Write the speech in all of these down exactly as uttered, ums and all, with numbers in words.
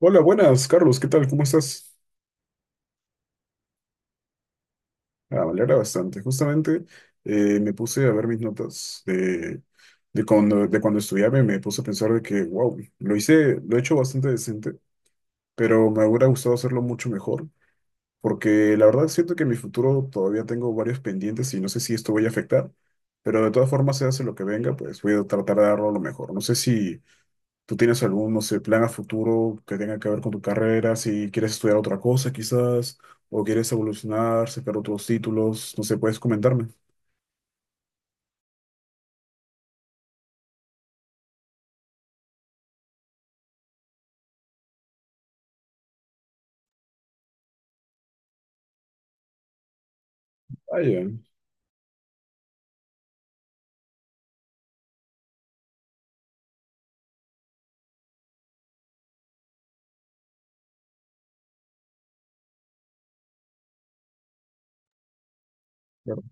Hola, buenas, Carlos, ¿qué tal? ¿Cómo estás? Ah, me alegra bastante. Justamente eh, me puse a ver mis notas de, de cuando, de cuando estudiaba y me puse a pensar de que, wow, lo hice, lo he hecho bastante decente, pero me hubiera gustado hacerlo mucho mejor, porque la verdad siento que en mi futuro todavía tengo varios pendientes y no sé si esto voy a afectar, pero de todas formas, se hace lo que venga, pues voy a tratar de darlo lo mejor. No sé si ¿Tú tienes algún, no sé, plan a futuro que tenga que ver con tu carrera? Si quieres estudiar otra cosa, quizás, o quieres evolucionar, sacar otros títulos, no sé, ¿puedes comentarme? Ah, ya, claro.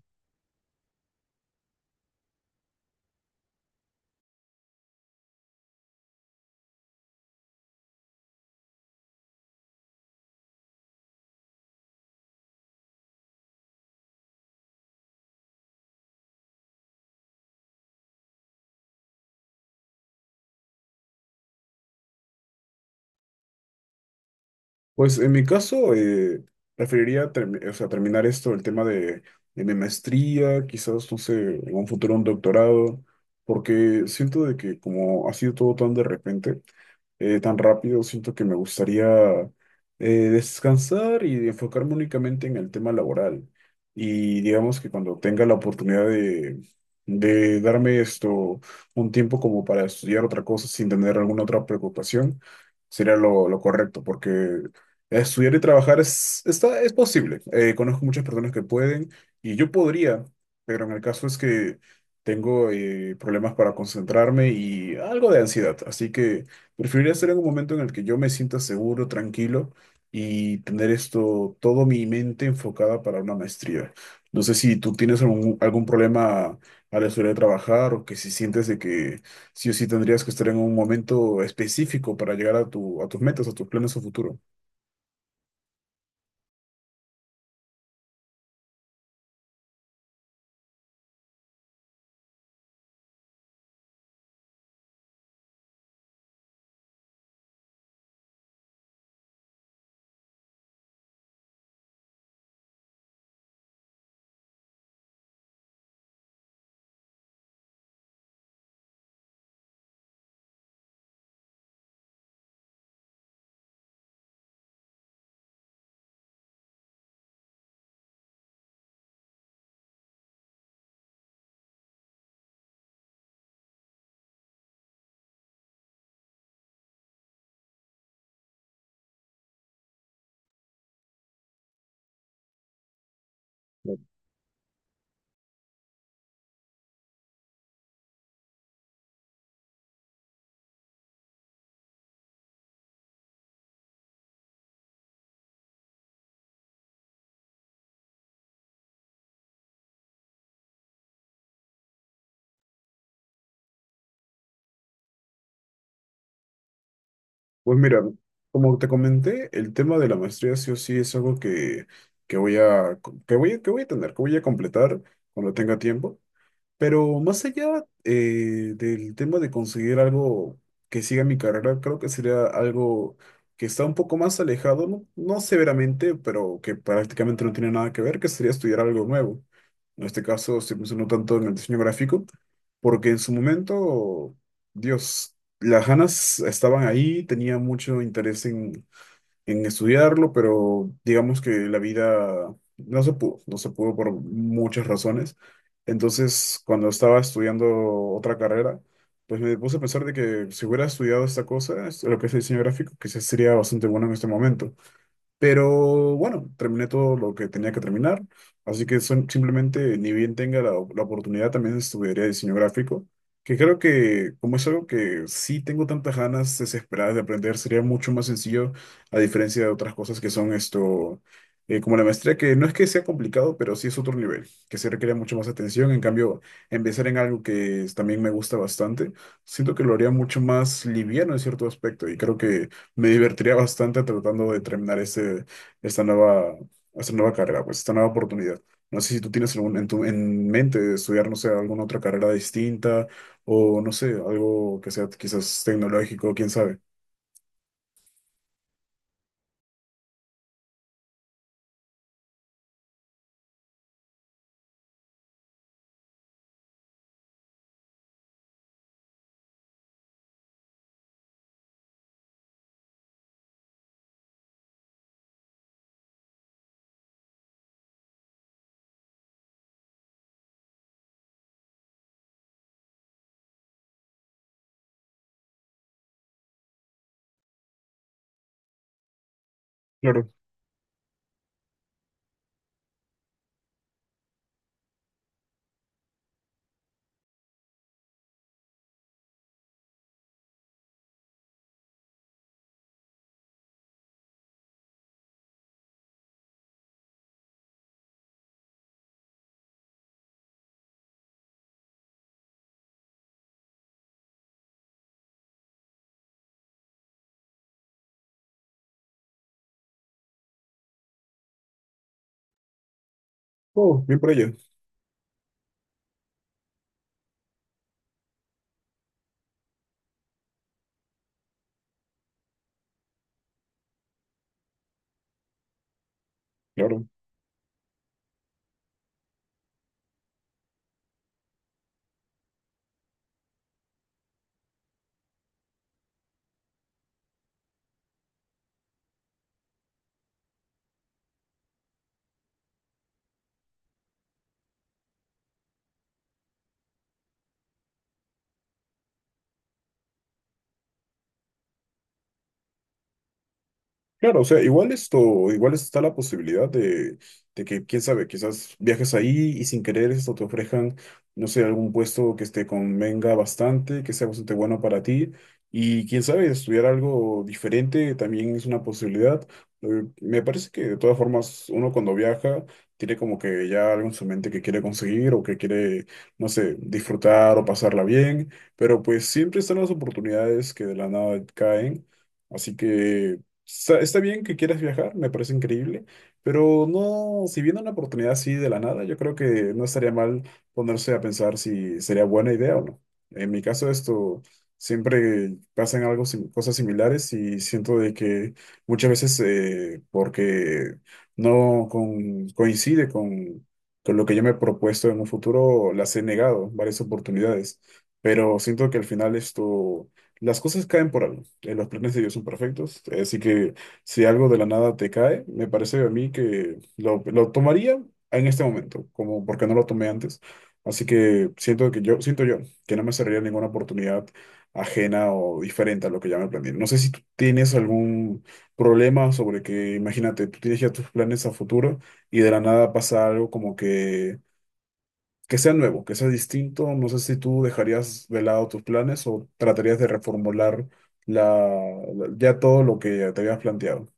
Pues en mi caso, eh, preferiría termi- o sea, terminar esto, el tema de, de mi maestría, quizás, no sé, en un futuro un doctorado, porque siento de que como ha sido todo tan de repente, eh, tan rápido. Siento que me gustaría eh, descansar y enfocarme únicamente en el tema laboral. Y digamos que cuando tenga la oportunidad de, de darme esto un tiempo como para estudiar otra cosa sin tener alguna otra preocupación, sería lo, lo correcto, porque estudiar y trabajar es, está, es posible. Eh, conozco muchas personas que pueden y yo podría, pero en el caso es que... Tengo eh, problemas para concentrarme y algo de ansiedad, así que preferiría estar en un momento en el que yo me sienta seguro, tranquilo y tener esto, todo mi mente enfocada para una maestría. No sé si tú tienes algún, algún problema a la hora de trabajar o que si sientes de que sí o sí tendrías que estar en un momento específico para llegar a tu, a tus metas, a tus planes a futuro. Pues mira, como te comenté, el tema de la maestría sí o sí es algo que, que voy a, que voy a, que voy a tener, que voy a completar cuando tenga tiempo. Pero más allá eh, del tema de conseguir algo que siga mi carrera, creo que sería algo que está un poco más alejado, no, no severamente, pero que prácticamente no tiene nada que ver, que sería estudiar algo nuevo. En este caso estoy pensando tanto en el diseño gráfico, porque en su momento, Dios, las ganas estaban ahí, tenía mucho interés en en estudiarlo, pero digamos que la vida no se pudo, no se pudo por muchas razones. Entonces, cuando estaba estudiando otra carrera, pues me puse a pensar de que si hubiera estudiado esta cosa, es- lo que es diseño gráfico, quizás sería bastante bueno en este momento. Pero bueno, terminé todo lo que tenía que terminar, así que son, simplemente ni bien tenga la, la oportunidad también estudiaría diseño gráfico, que creo que como es algo que sí tengo tantas ganas desesperadas de aprender, sería mucho más sencillo a diferencia de otras cosas que son esto, eh, como la maestría, que no es que sea complicado, pero sí es otro nivel, que se requiere mucho más atención, en cambio, empezar en algo que es- también me gusta bastante, siento que lo haría mucho más liviano en cierto aspecto y creo que... Me divertiría bastante tratando de terminar este, esta nueva, esta nueva carrera, pues esta nueva oportunidad. No sé si tú tienes algún, en tu, en mente estudiar, no sé, alguna otra carrera distinta o no sé, algo que sea quizás tecnológico, quién sabe. Claro. Oh, bien por ello. Claro. Claro, o sea, igual esto, igual está la posibilidad de, de que, quién sabe, quizás viajes ahí y sin querer esto te ofrezcan, no sé, algún puesto que te convenga bastante, que sea bastante bueno para ti. Y quién sabe, estudiar algo diferente también es una posibilidad. Eh, Me parece que de todas formas uno cuando viaja tiene como que ya algo en su mente que quiere conseguir o que quiere, no sé, disfrutar o pasarla bien, pero pues siempre están las oportunidades que de la nada caen. Así que está, está bien que quieras viajar, me parece increíble, pero no, si viene una oportunidad así de la nada, yo creo que no estaría mal ponerse a pensar si sería buena idea o no. En mi caso, esto siempre pasan algo, sim- cosas similares y siento de que muchas veces eh, porque no con- coincide con, con lo que yo me he propuesto en un futuro, las he negado varias oportunidades, pero siento que al final esto las cosas caen por algo. Eh, los planes de Dios son perfectos. eh, Así que si algo de la nada te cae, me parece a mí que lo, lo tomaría en este momento, como porque no lo tomé antes. Así que siento que yo, siento yo que no me cerraría ninguna oportunidad ajena o diferente a lo que ya me planeé. No sé si tú tienes algún problema sobre que, imagínate, tú tienes ya tus planes a futuro y de la nada pasa algo como que que sea nuevo, que sea distinto. No sé si tú dejarías de lado tus planes o tratarías de reformular la, la- ya todo lo que te habías planteado.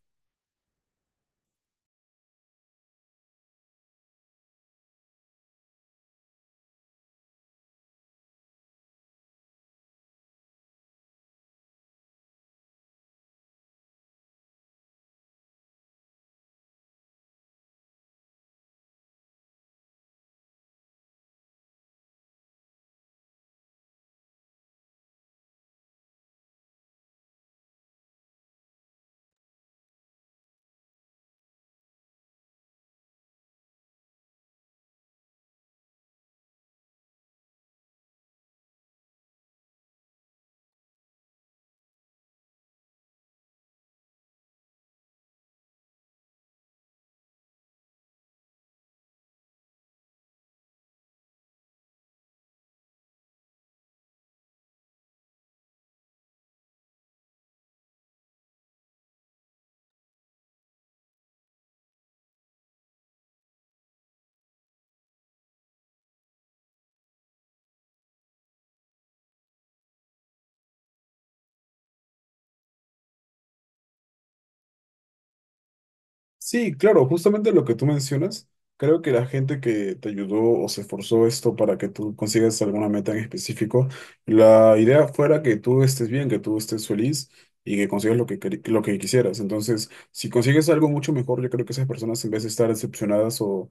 Sí, claro, justamente lo que tú mencionas, creo que la gente que te ayudó o se esforzó esto para que tú consigas alguna meta en específico, la idea fuera que tú estés bien, que tú estés feliz y que consigas lo que, queri- lo que quisieras. Entonces, si consigues algo mucho mejor, yo creo que esas personas en vez de estar decepcionadas o,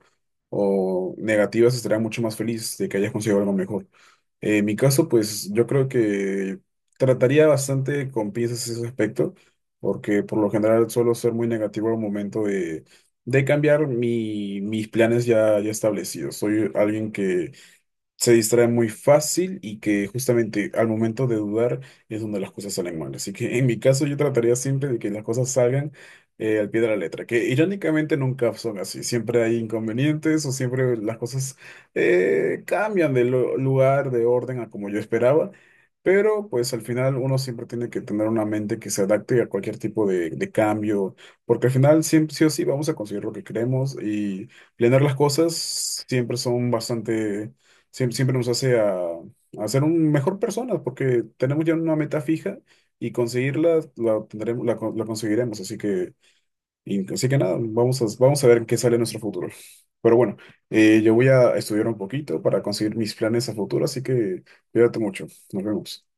o negativas, estarán mucho más felices de que hayas conseguido algo mejor. Eh, En mi caso, pues yo creo que trataría bastante con piezas ese aspecto porque por lo general suelo ser muy negativo al momento de, de cambiar mi- mis planes ya, ya establecidos. Soy alguien que se distrae muy fácil y que justamente al momento de dudar es donde las cosas salen mal. Así que en mi caso yo trataría siempre de que las cosas salgan eh, al pie de la letra, que irónicamente nunca son así. Siempre hay inconvenientes o siempre las cosas eh, cambian de lu- lugar, de orden a como yo esperaba. Pero pues al final uno siempre tiene que tener una mente que se adapte a cualquier tipo de, de cambio, porque al final siempre sí o sí vamos a conseguir lo que queremos y planear las cosas siempre son bastante siem- siempre nos hace a, a ser un mejor personas porque tenemos ya una meta fija y conseguirla la tendremos, la, con- la conseguiremos. Así que, y- así que nada, vamos a, vamos a ver qué sale en nuestro futuro. Pero bueno, eh, yo voy a estudiar un poquito para conseguir mis planes a futuro, así que cuídate mucho. Nos vemos.